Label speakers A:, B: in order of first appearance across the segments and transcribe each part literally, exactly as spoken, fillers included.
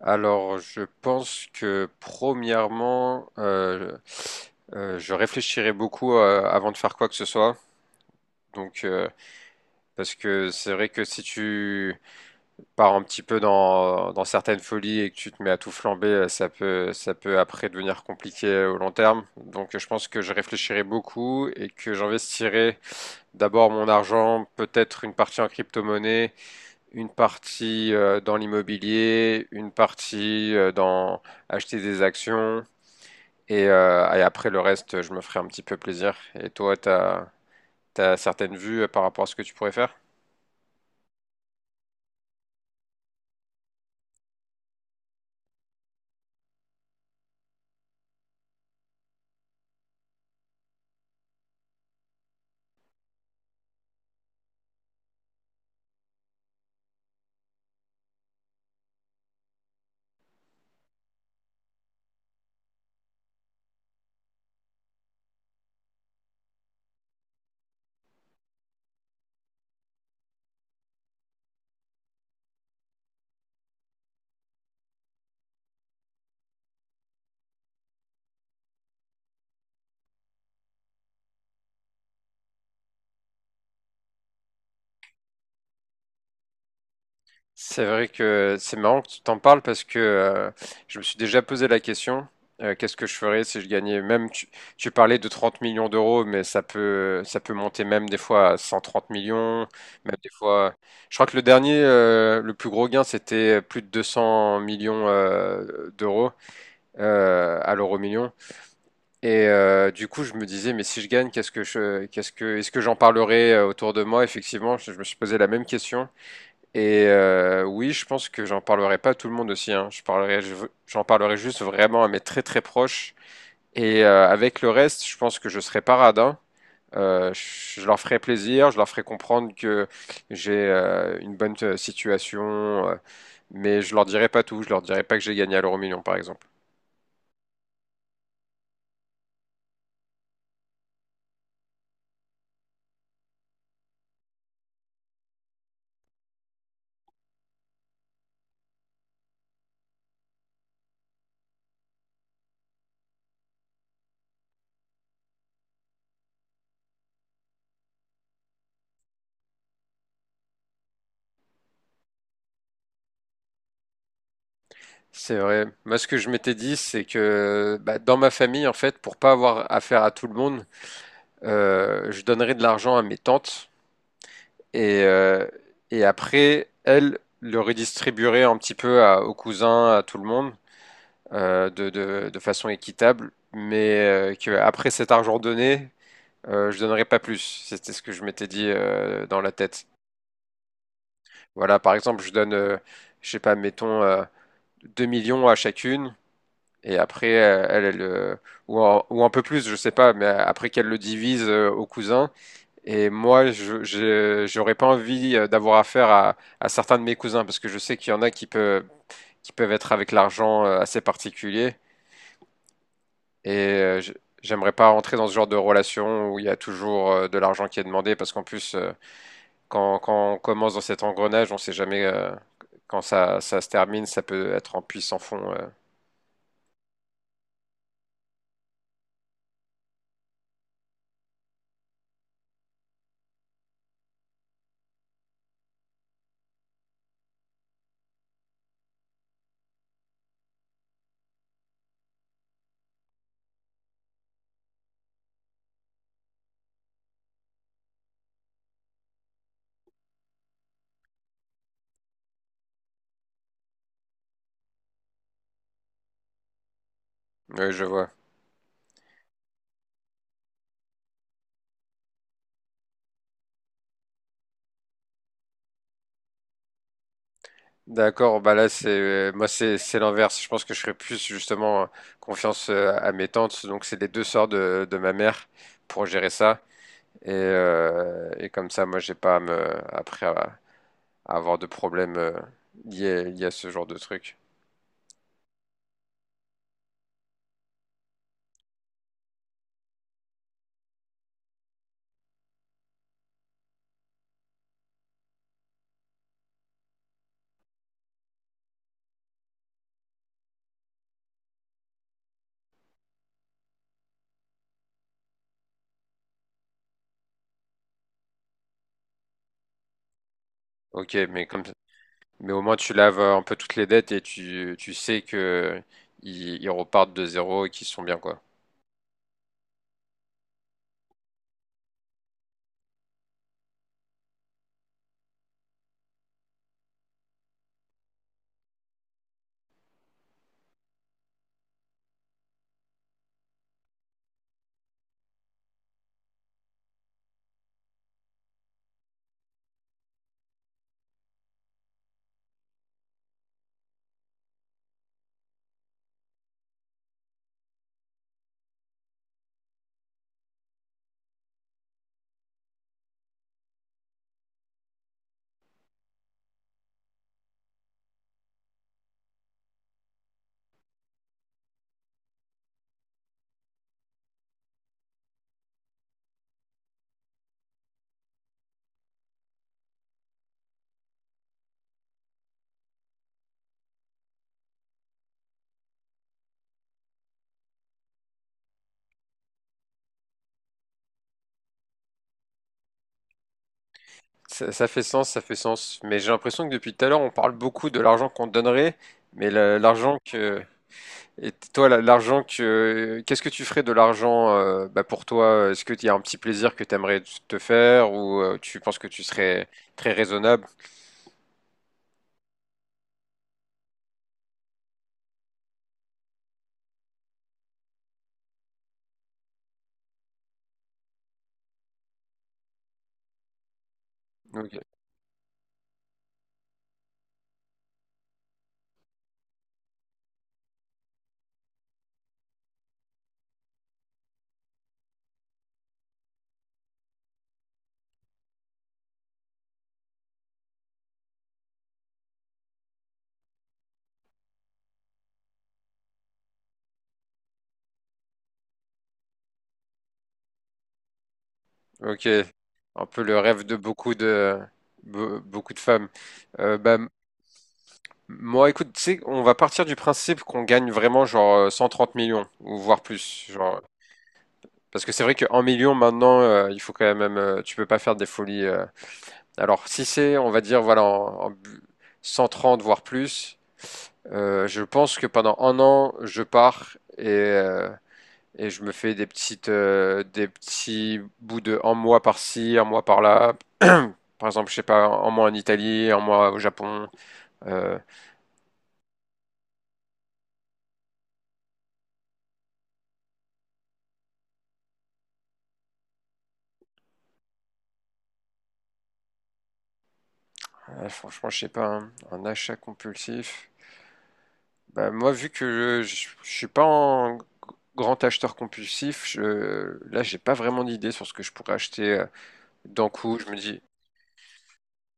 A: Alors, je pense que premièrement, euh, euh, je réfléchirai beaucoup euh, avant de faire quoi que ce soit. Donc, euh, Parce que c'est vrai que si tu pars un petit peu dans, dans certaines folies et que tu te mets à tout flamber, euh, ça peut, ça peut après devenir compliqué euh, au long terme. Donc, je pense que je réfléchirai beaucoup et que j'investirai d'abord mon argent, peut-être une partie en crypto-monnaie, une partie euh, dans l'immobilier, une partie euh, dans acheter des actions, et, euh, et après le reste, je me ferai un petit peu plaisir. Et toi, t'as, t'as certaines vues euh, par rapport à ce que tu pourrais faire? C'est vrai que c'est marrant que tu t'en parles parce que euh, je me suis déjà posé la question, euh, qu'est-ce que je ferais si je gagnais même, tu, tu parlais de trente millions d'euros, mais ça peut, ça peut monter même des fois à cent trente millions, même des fois. Je crois que le dernier, euh, le plus gros gain, c'était plus de deux cents millions euh, d'euros euh, à l'euro million. Et euh, du coup, je me disais, mais si je gagne, qu'est-ce que je, qu'est-ce que, est-ce que j'en parlerai euh, autour de moi? Effectivement, je je me suis posé la même question. Et euh, oui, je pense que j'en parlerai pas à tout le monde aussi. Hein. Je parlerai, je- veux- J'en parlerai juste vraiment à mes très très proches. Et euh, avec le reste, je pense que je serai pas radin. Euh, je je leur ferai plaisir, je leur ferai comprendre que j'ai euh, une bonne euh, situation, euh, mais je leur dirai pas tout. Je leur dirai pas que j'ai gagné à l'euro million, par exemple. C'est vrai. Moi, ce que je m'étais dit, c'est que bah, dans ma famille, en fait, pour pas avoir affaire à tout le monde, euh, je donnerai de l'argent à mes tantes. Et, euh, et après, elle le redistribuerait un petit peu à- aux cousins, à tout le monde, euh, de, de- de façon équitable, mais euh, que après cet argent donné, euh, je donnerais pas plus. C'était ce que je m'étais dit euh, dans la tête. Voilà, par exemple, je donne, euh, je sais pas, mettons euh, deux millions à chacune, et après, euh, elle, elle, euh, ou, un, ou un peu plus, je sais pas, mais après qu'elle le divise euh, aux cousins. Et moi, je, je- j'aurais pas envie euh, d'avoir affaire à, à certains de mes cousins parce que je sais qu'il y en a qui peuvent, qui peuvent être avec l'argent euh, assez particulier. Et euh, je- J'aimerais pas rentrer dans ce genre de relation où il y a toujours euh, de l'argent qui est demandé parce qu'en plus, euh, quand, quand on commence dans cet engrenage, on sait jamais euh, quand ça, ça se termine, ça peut être en puits sans fond. euh. Oui, je vois. D'accord, bah là c'est euh, moi c'est c'est l'inverse. Je pense que je serais plus justement euh, confiance euh, à mes tantes. Donc c'est les deux sœurs de, de ma mère pour gérer ça. Et, euh, et comme ça, moi j'ai pas à me après à, à avoir de problème euh, liés liés à ce genre de truc. Ok, mais comme mais au moins tu laves euh, un peu toutes les dettes et tu tu sais que ils, ils repartent de zéro et qu'ils sont bien quoi. Ça, ça fait sens, ça fait sens. Mais j'ai l'impression que depuis tout à l'heure on parle beaucoup de l'argent qu'on donnerait, mais le- l'argent que et t- toi, la- l'argent que, qu'est-ce que tu ferais de l'argent, euh, bah, pour toi? Est-ce que il y a un petit plaisir que tu aimerais te faire ou euh, tu penses que tu serais très raisonnable? Ok. Ok. Un peu le rêve de beaucoup de be- beaucoup de femmes. Euh, bah, m- Moi, écoute, tu sais, on va partir du principe qu'on gagne vraiment genre euh, cent trente millions ou voire plus, genre. Parce que c'est vrai qu'en million maintenant, euh, il faut quand même, euh, tu peux pas faire des folies. euh. Alors si c'est, on va dire, voilà, en, en bu- cent trente voire plus. Euh, je pense que pendant un an, je pars et, euh, et je me fais des petites, euh, des petits bouts de un mois par-ci, un mois par-là. Par exemple, je sais pas, un mois en Italie, un mois au Japon. Euh, ouais, franchement, je sais pas, hein, un achat compulsif. Bah, moi, vu que je, je, je suis pas un grand acheteur compulsif, je, là, j'ai pas vraiment d'idée sur ce que je pourrais acheter euh, d'un coup. Je me dis,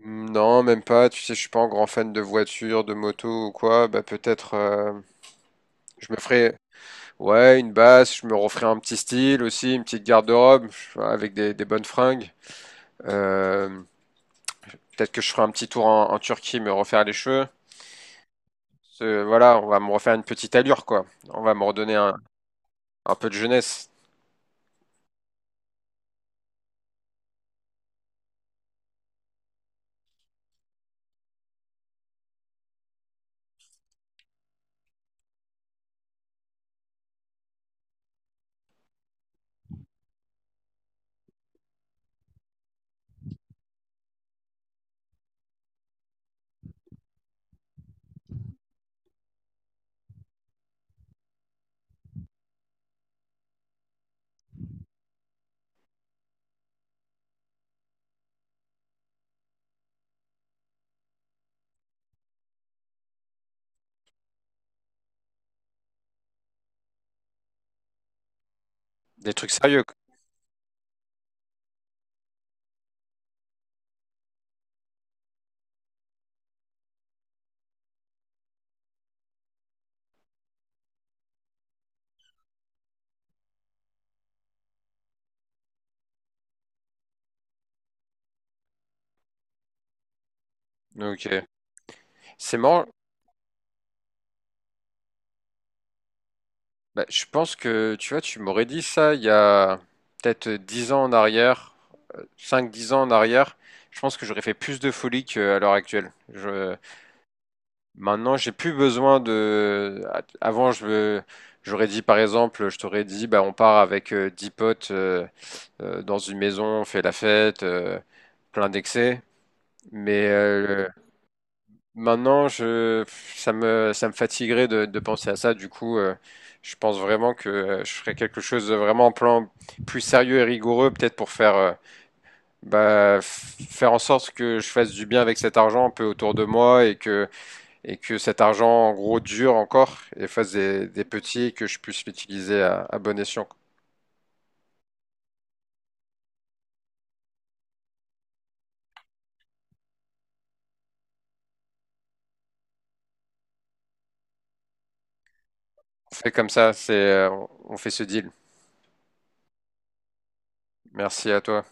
A: non, même pas. Tu sais, je suis pas un grand fan de voitures, de motos ou quoi. Bah, peut-être. euh, Je me ferais, ouais, une basse, je me referais un petit style aussi, une petite garde-robe je- avec des, des bonnes fringues. Euh, Peut-être que je ferai un petit tour en, en Turquie, me refaire les cheveux. Ce- voilà, on va me refaire une petite allure, quoi. On va me redonner un, un peu de jeunesse, des trucs sérieux, quoi. Donc, euh, c'est marrant. Bah, je pense que, tu vois, tu m'aurais dit ça il y a peut-être dix ans en arrière, cinq dix ans en arrière. Je pense que j'aurais fait plus de folie qu'à l'heure actuelle. Je, Maintenant, j'ai plus besoin de. Avant, je J'aurais dit par exemple, je t'aurais dit, bah, on part avec euh, dix potes euh, euh, dans une maison, on fait la fête, euh, plein d'excès. Mais euh, maintenant, je Ça me ça me fatiguerait de, de penser à ça. Du coup, euh, je pense vraiment que euh, je ferais quelque chose de vraiment en plan plus sérieux et rigoureux, peut-être pour faire euh, bah, f- faire en sorte que je fasse du bien avec cet argent un peu autour de moi et que et que cet argent, en gros, dure encore et fasse des, des petits et que je puisse l'utiliser à, à bon escient. On fait comme ça, c'est, euh, on fait ce deal. Merci à toi.